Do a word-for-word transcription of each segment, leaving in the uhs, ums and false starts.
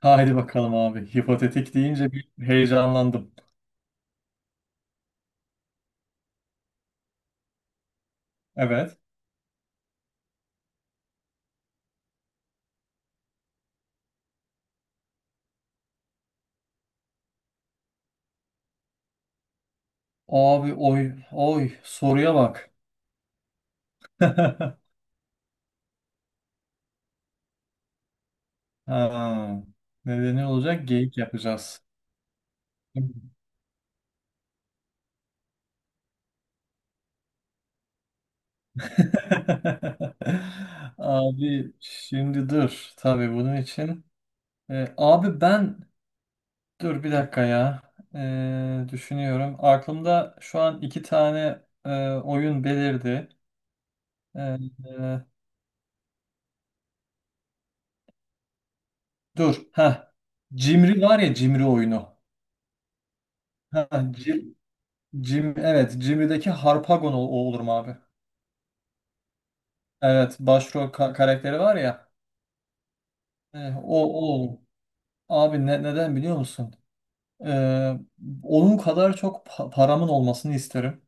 Haydi bakalım abi. Hipotetik deyince bir heyecanlandım. Evet. Abi oy oy soruya bak. Ha, nedeni olacak geyik yapacağız. Abi şimdi dur. Tabii bunun için. E, abi ben dur bir dakika ya. E, düşünüyorum. Aklımda şu an iki tane e, oyun belirdi. E, e, Dur. Ha. Cimri var ya, cimri oyunu. Ha, Jim, Jim, evet, Jimmy'deki Harpagon ol- o olur mu abi? Evet, başrol ka- karakteri var ya. Eh, o, o olur. Abi ne- neden biliyor musun? Ee, Onun kadar çok pa- paramın olmasını isterim.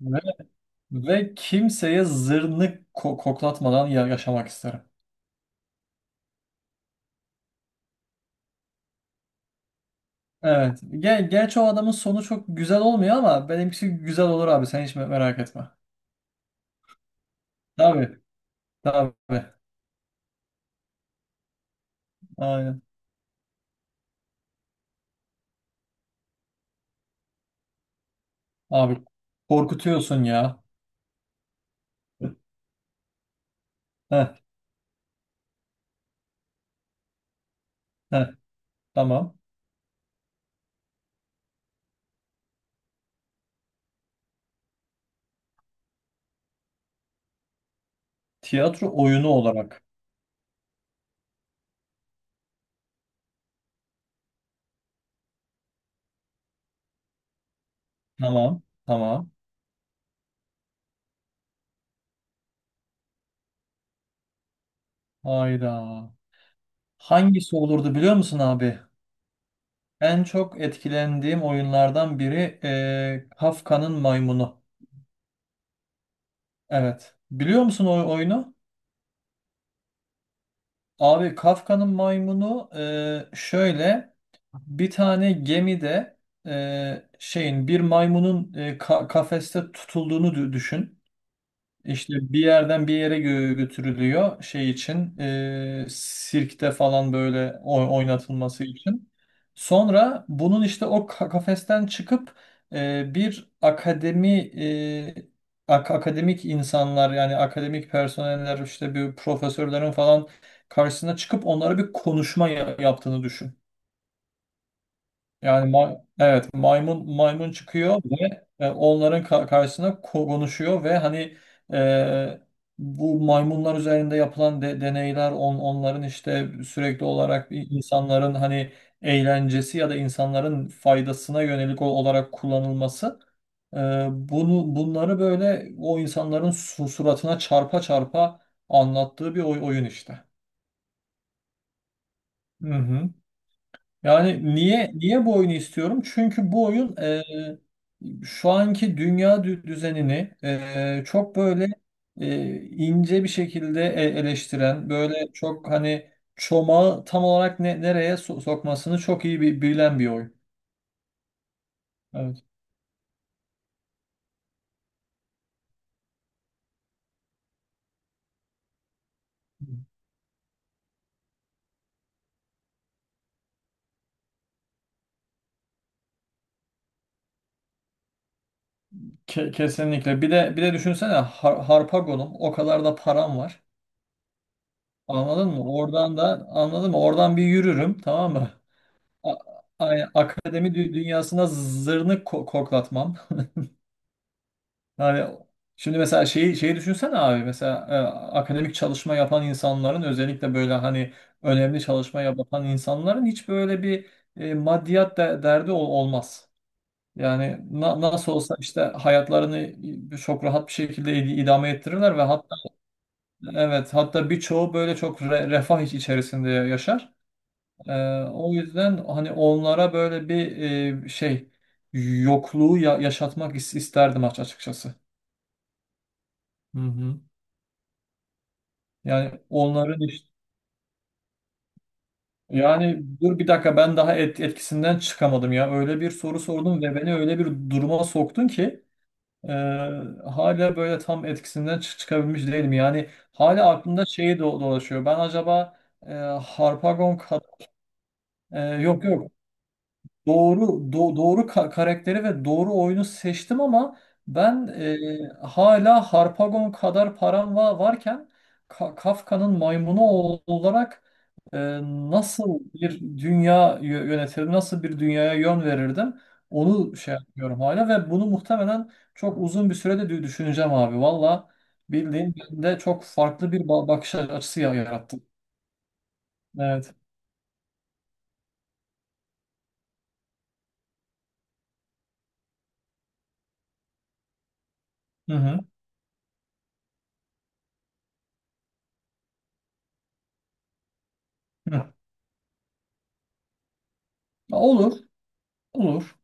Ve, ve kimseye zırnık ko- koklatmadan ya- yaşamak isterim. Evet. Gel, gerçi o adamın sonu çok güzel olmuyor ama benimkisi güzel olur abi. Sen hiç me- merak etme. Tabii. Tabii. Aynen. Abi, korkutuyorsun ya. Heh, heh, tamam. Tiyatro oyunu olarak. Tamam. Tamam. Hayda. Hangisi olurdu biliyor musun abi? En çok etkilendiğim oyunlardan biri eee, Kafka'nın Maymunu. Evet. Biliyor musun o oyunu? Abi, Kafka'nın Maymunu eee, şöyle, bir tane gemide eee, şeyin bir maymunun eee, ka- kafeste tutulduğunu dü- düşün. İşte bir yerden bir yere gö- götürülüyor, şey için, e, sirkte falan böyle o- oynatılması için. Sonra bunun işte o ka- kafesten çıkıp e, bir akademi, e, ak- akademik insanlar, yani akademik personeller, işte bir profesörlerin falan karşısına çıkıp onlara bir konuşma ya- yaptığını düşün. Yani ma- evet maymun maymun çıkıyor ve e, onların ka- karşısına ko- konuşuyor ve hani, e, bu maymunlar üzerinde yapılan de- deneyler, on onların işte sürekli olarak i- insanların hani eğlencesi ya da insanların faydasına yönelik ol- olarak kullanılması, e, bunu bunları böyle o insanların su- suratına çarpa çarpa anlattığı bir oy- oyun işte. Hı hı. Yani niye niye bu oyunu istiyorum? Çünkü bu oyun, e, şu anki dünya dü- düzenini, e, çok böyle e, ince bir şekilde e- eleştiren, böyle çok hani çomağı tam olarak ne, nereye so- sokmasını çok iyi bi- bilen bir oyun. Evet. Ke- kesinlikle. Bir de bir de düşünsene, Har- Harpagon'um, o kadar da param var. Anladın mı? Oradan da anladın mı? Oradan bir yürürüm, tamam mı? A- a- Akademi dü- dünyasına zırnık ko- koklatmam. Yani şimdi mesela şeyi şeyi düşünsene abi, mesela e, akademik çalışma yapan insanların, özellikle böyle hani önemli çalışma yapan insanların hiç böyle bir e, maddiyat de- derdi ol- olmaz. Yani na- nasıl olsa işte hayatlarını e, çok rahat bir şekilde id- idame ettirirler ve hatta evet, hatta birçoğu böyle çok re- refah iç- içerisinde yaşar. E, O yüzden hani onlara böyle bir e, şey yokluğu ya- yaşatmak is- isterdim aç- açıkçası. Hı hı. Yani onların işte, yani dur bir dakika, ben daha et, etkisinden çıkamadım ya. Öyle bir soru sordun ve beni öyle bir duruma soktun ki e, hala böyle tam etkisinden çı- çıkabilmiş değilim. Yani hala aklımda şeyi do- dolaşıyor. Ben acaba, e, Harpagon kad- e, yok yok, doğru do- doğru ka- karakteri ve doğru oyunu seçtim ama ben, e, hala Harpagon kadar param va- varken Ka- Kafka'nın maymunu olarak, e, nasıl bir dünya yö- yönetirdim, nasıl bir dünyaya yön verirdim, onu şey yapıyorum hala ve bunu muhtemelen çok uzun bir sürede dü- düşüneceğim abi. Valla bildiğin de çok farklı bir ba- bakış açısı ya- yarattı. Evet. Hı hı. Hı. Olur. Olur.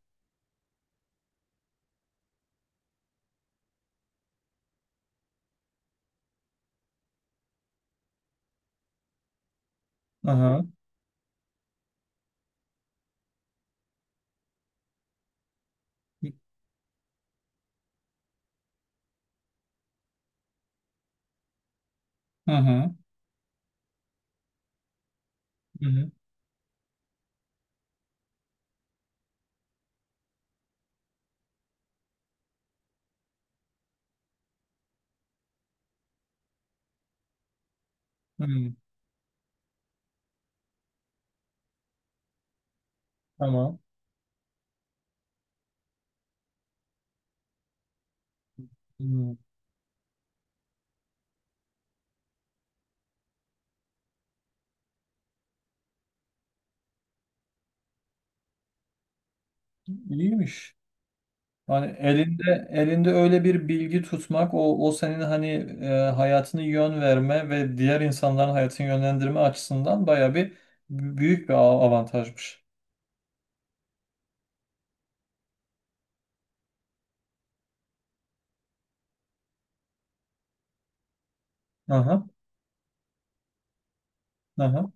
Hı hı. Hı hı. Hı hı. Hı. Tamam. Hı. İyiymiş. Hani elinde elinde öyle bir bilgi tutmak, o o senin hani e, hayatını yön verme ve diğer insanların hayatını yönlendirme açısından bayağı bir b- büyük bir av- avantajmış. Aha, aha.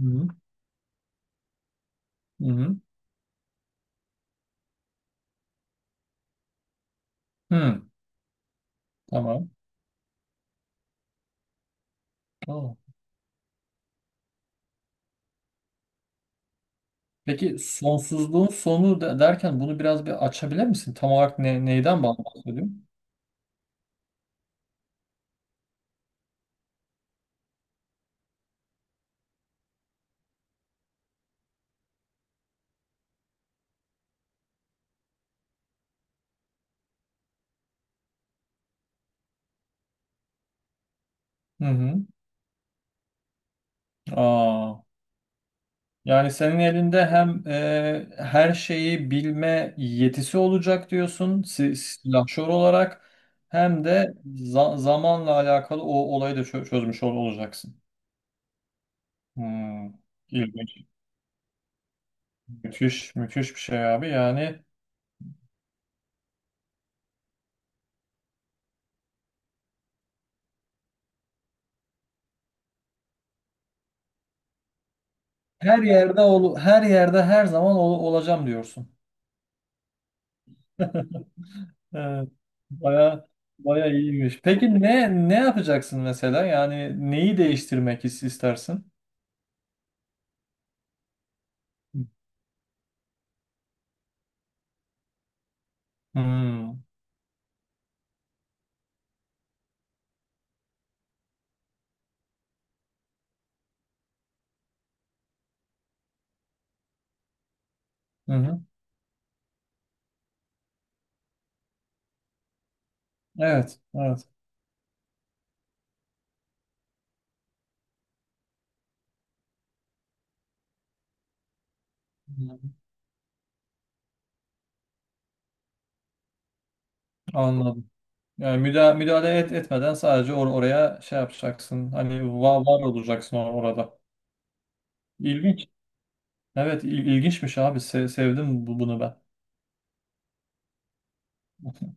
Hı hı. Hı. Hı. Tamam. Tamam. Peki, sonsuzluğun sonu de- derken bunu biraz bir açabilir misin? Tam olarak ne, neyden bahsediyorsun? Hı hı. Aa. Yani senin elinde hem e, her şeyi bilme yetisi olacak diyorsun si- silahşor olarak, hem de za- zamanla alakalı o olayı da çö- çözmüş ol- olacaksın. Hmm. İlginç, müthiş, müthiş bir şey abi. Yani her yerde ol, her yerde her zaman ol- olacağım diyorsun. Evet, baya baya iyiymiş. Peki ne ne yapacaksın mesela? Yani neyi değiştirmek is- istersin? Hmm. Hı hı. Evet, evet. Hı. Anladım. Yani müdahale, müdahale et, etmeden sadece or oraya şey yapacaksın. Hani var, var olacaksın or- orada. İlginç. Evet, il- ilginçmiş abi. Se- sevdim bu- bunu ben.